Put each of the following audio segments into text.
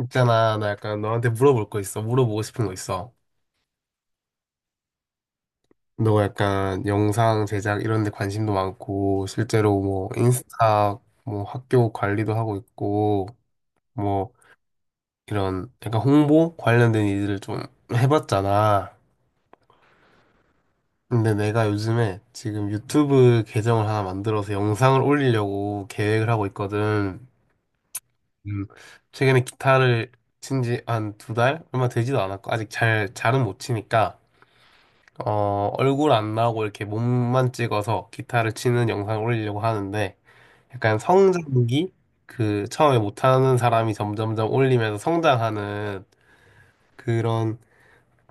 있잖아, 나 약간 너한테 물어볼 거 있어. 물어보고 싶은 거 있어. 너 약간 영상 제작 이런 데 관심도 많고, 실제로 뭐 인스타, 뭐 학교 관리도 하고 있고, 뭐 이런 약간 홍보 관련된 일들을 좀 해봤잖아. 근데 내가 요즘에 지금 유튜브 계정을 하나 만들어서 영상을 올리려고 계획을 하고 있거든. 음, 최근에 기타를 친지 한 두 달? 얼마 되지도 않았고, 아직 잘은 못 치니까. 얼굴 안 나오고 이렇게 몸만 찍어서 기타를 치는 영상을 올리려고 하는데 약간 성장기 그 처음에 못하는 사람이 점점점 올리면서 성장하는 그런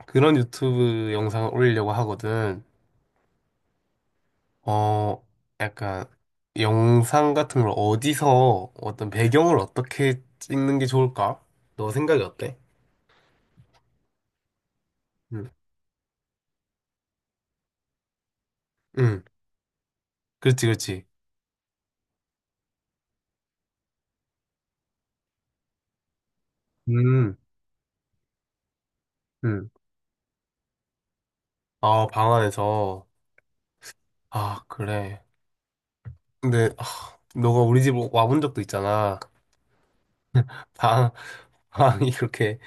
그런 유튜브 영상을 올리려고 하거든. 어, 약간 영상 같은 걸 어디서 어떤 배경을 어떻게 찍는 게 좋을까? 너 생각이 어때? 응, 응, 그렇지, 그렇지. 음, 음. 아, 방 안에서. 아, 그래. 근데 너가 우리 집 와본 적도 있잖아. 방, 방이 그렇게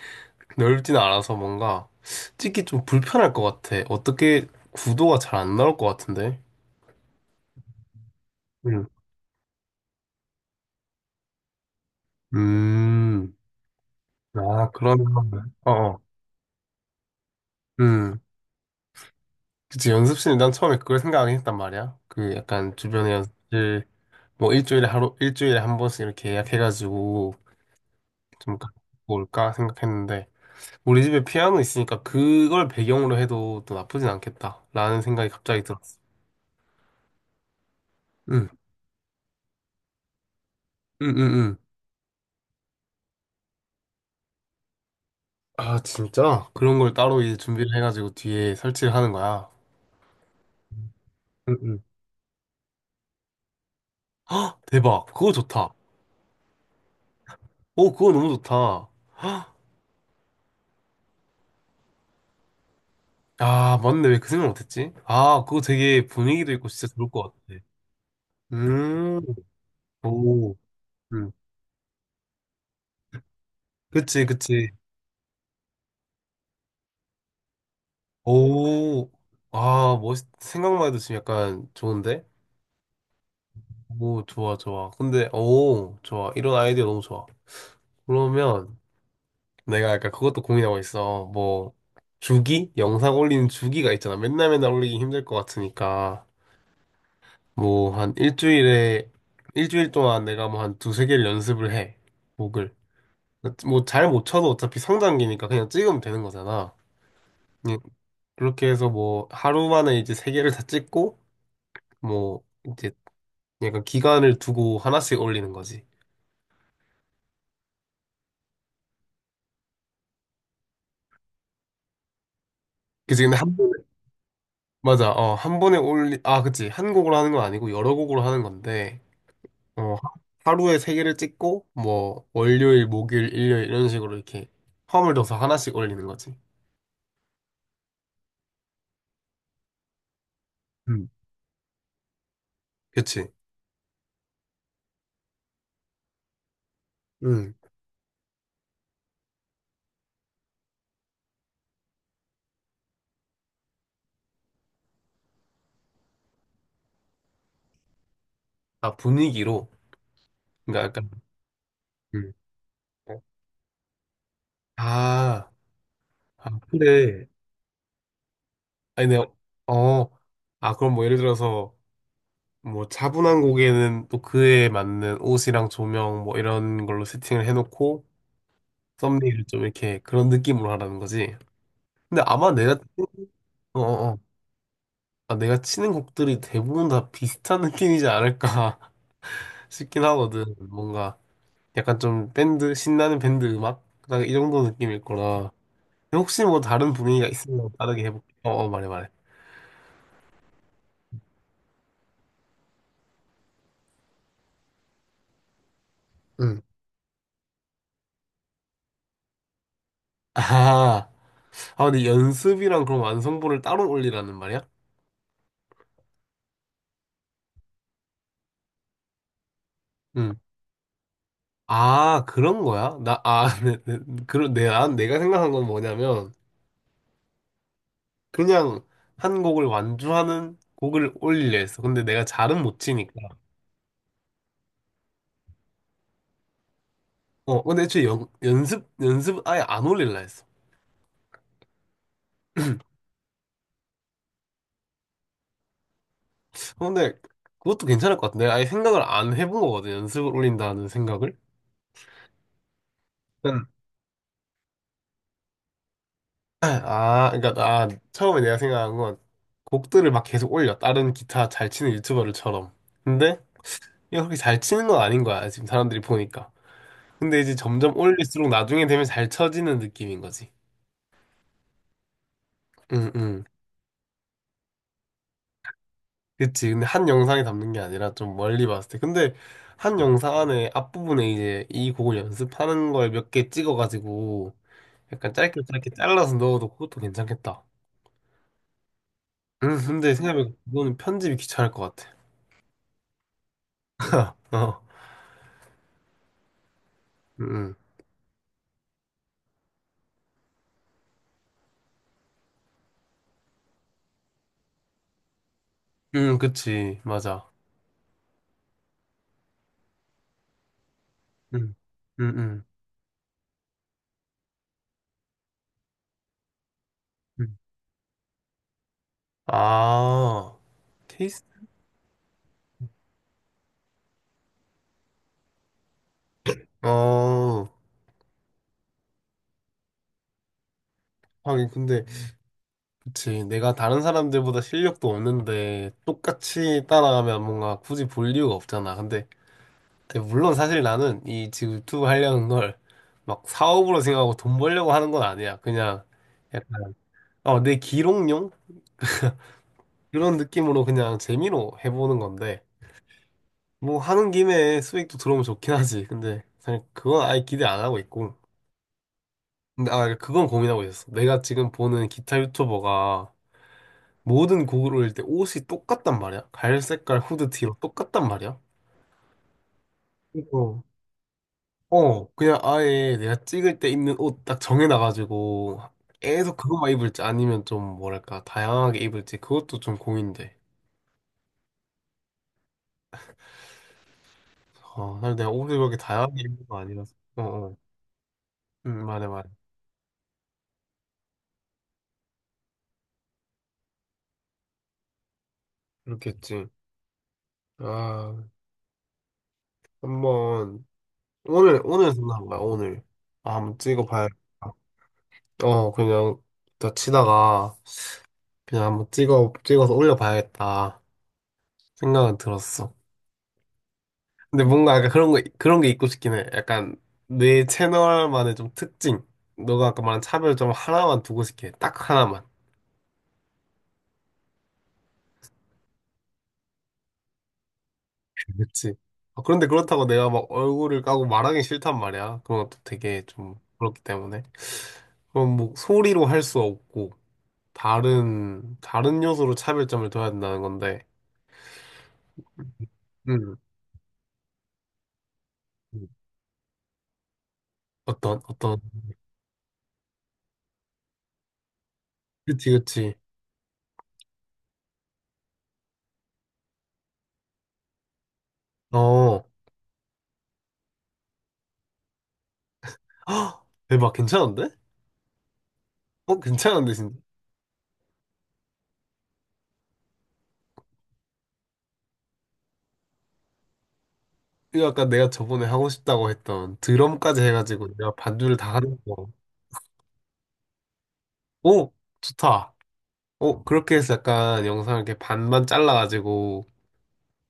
넓진 않아서 뭔가 찍기 좀 불편할 것 같아. 어떻게 구도가 잘 안 나올 것 같은데? 응. 음. 아, 그러면, 어, 어. 음. 그치, 연습실이 난 처음에 그걸 생각하긴 했단 말이야. 그 약간 주변에 연습실, 뭐 일주일에 하루, 일주일에 한 번씩 이렇게 예약해가지고 좀 갖고 올까 생각했는데, 우리 집에 피아노 있으니까 그걸 배경으로 해도 또 나쁘진 않겠다. 라는 생각이 갑자기 들었어. 응, 응, 응, 응. 아, 진짜? 그런 걸 따로 이제 준비를 해가지고 뒤에 설치를 하는 거야. 응, 응. 헉, 대박. 그거 좋다. 오, 그거 너무 좋다. 헉, 아, 맞네. 왜 그 생각 못했지? 아, 그거 되게 분위기도 있고 진짜 좋을 것 같아. 음, 오, 음. 그치, 그치. 오, 아, 멋있, 생각만 해도 지금 약간 좋은데? 오, 좋아, 좋아. 근데, 오, 좋아. 이런 아이디어 너무 좋아. 그러면, 내가 약간 그것도 고민하고 있어. 뭐, 주기? 영상 올리는 주기가 있잖아. 맨날 맨날 올리기 힘들 것 같으니까. 뭐, 한 일주일에, 일주일 동안 내가 뭐 한 두 세 개를 연습을 해. 곡을. 뭐, 잘 못 쳐도 어차피 성장기니까 그냥 찍으면 되는 거잖아. 그냥 그렇게 해서 뭐, 하루 만에 이제 세 개를 다 찍고, 뭐, 이제 약간 기간을 두고 하나씩 올리는 거지. 그치, 근데 한 번에, 맞아. 아, 그치. 한 곡으로 하는 건 아니고 여러 곡으로 하는 건데, 어, 하- 하루에 세 개를 찍고, 뭐, 월요일, 목요일, 일요일, 이런 식으로 이렇게 허을둬서 하나씩 올리는 거지. 음. 그치? 응. 아, 분위기로. 그러니까 약간, 음. 음. 아, 아, 근데, 아니, 내가, 어, 그럼 뭐 예를 들어서, 뭐 차분한 곡에는 또 그에 맞는 옷이랑 조명 뭐 이런 걸로 세팅을 해놓고, 썸네일을 좀 이렇게 그런 느낌으로 하라는 거지. 근데 아마 내가, 어어어. 아, 내가 치는 곡들이 대부분 다 비슷한 느낌이지 않을까 싶긴 하거든. 뭔가 약간 좀 밴드, 신나는 밴드 음악? 그냥 이 정도 느낌일 거라. 혹시 뭐 다른 분위기가 있으면 다르게 해볼게. 어, 어, 말해, 말해. 응. 아, 아, 근데 연습이랑 그럼 완성본을 따로 올리라는 말이야? 응. 아, 그런 거야? 나, 아, 네, 네, 그런, 내, 난 내가 생각한 건 뭐냐면, 그냥 한 곡을 완주하는 곡을 올리려 했어. 근데 내가 잘은 못 치니까. 근데 애초에 연습 아예 안 올릴라 했어. 근데 그것도 괜찮을 것 같은데. 아예 생각을 안 해본 거거든. 연습을 올린다는 생각을. 난, 아, 그러니까 나 처음에 내가 생각한 건 곡들을 막 계속 올려. 다른 기타 잘 치는 유튜버들처럼. 근데 이게 그렇게 잘 치는 건 아닌 거야. 지금 사람들이 보니까. 근데 이제 점점 올릴수록 나중에 되면 잘 쳐지는 느낌인 거지. 응, 응. 그치. 근데 한 영상에 담는 게 아니라 좀 멀리 봤을 때. 근데 한 영상 안에 앞부분에 이제 이 곡을 연습하는 걸 몇 개 찍어가지고 약간 짧게 짧게 잘라서 넣어도 그것도 괜찮겠다. 근데 생각해보니까 그거는 편집이 귀찮을 것 같아. 어. 음, 음, 그치. 맞아. 음, 음, 음. 음. 아, 테이스? 어, 하긴 근데, 그치. 내가 다른 사람들보다 실력도 없는데 똑같이 따라가면 뭔가 굳이 볼 이유가 없잖아. 근데 물론 사실 나는 이 지금 유튜브 하려는 걸 막 사업으로 생각하고 돈 벌려고 하는 건 아니야. 그냥 약간 내 기록용 이런 느낌으로 그냥 재미로 해보는 건데 뭐 하는 김에 수익도 들어오면 좋긴 하지. 근데 사실 그건 아예 기대 안 하고 있고. 근데 아 그건 고민하고 있었어. 내가 지금 보는 기타 유튜버가 모든 곡을 올릴 때 옷이 똑같단 말이야. 갈 색깔 후드티로 똑같단 말이야. 그거 그냥 아예 내가 찍을 때 입는 옷 딱 정해놔가지고 계속 그것만 입을지 아니면 좀 뭐랄까 다양하게 입을지 그것도 좀 고민돼. 사실 내가 옷을 그렇게 다양하게 입는 거 아니라서. 어, 어. 응, 말해, 말해. 그렇겠지. 아, 한번 오늘 생각한 거야, 오늘. 아, 한번 찍어봐야겠다. 그냥 다 치다가 그냥 한번 찍어서 올려봐야겠다 생각은 들었어. 근데 뭔가 약간 그런 거, 그런 게 있고 싶긴 해. 약간 내 채널만의 좀 특징. 너가 아까 말한 차별 좀 하나만 두고 싶게. 딱 하나만. 그치. 아, 그런데 그렇다고 내가 막 얼굴을 까고 말하기 싫단 말이야. 그런 것도 되게 좀 그렇기 때문에. 그럼 뭐 소리로 할 수 없고, 다른 요소로 차별점을 둬야 된다는 건데. 음. 음. 어떤, 어떤. 그치, 그치. 어. 헉, 대박. 괜찮은데? 어, 괜찮은데, 진짜. 이거 아까 내가 저번에 하고 싶다고 했던 드럼까지 해가지고 내가 반주를 다 하는 거. 오, 좋다. 오, 그렇게 해서 약간 영상을 이렇게 반만 잘라가지고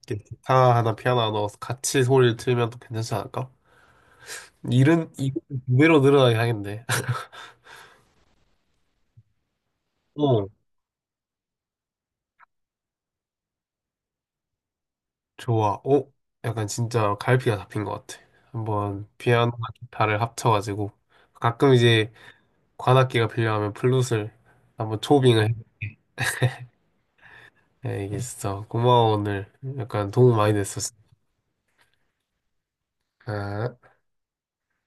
이렇게 기타 하나 피아노 하나 넣어서 같이 소리를 틀면 또 괜찮지 않을까? 일은 이거 두 배로 늘어나게 하겠네. 오, 좋아. 오, 약간 진짜 갈피가 잡힌 것 같아. 한번 피아노나 기타를 합쳐가지고 가끔 이제 관악기가 필요하면 플룻을 한번 초빙을 해. 네, 알겠어. 고마워 오늘. 약간 도움 많이 됐어. 아.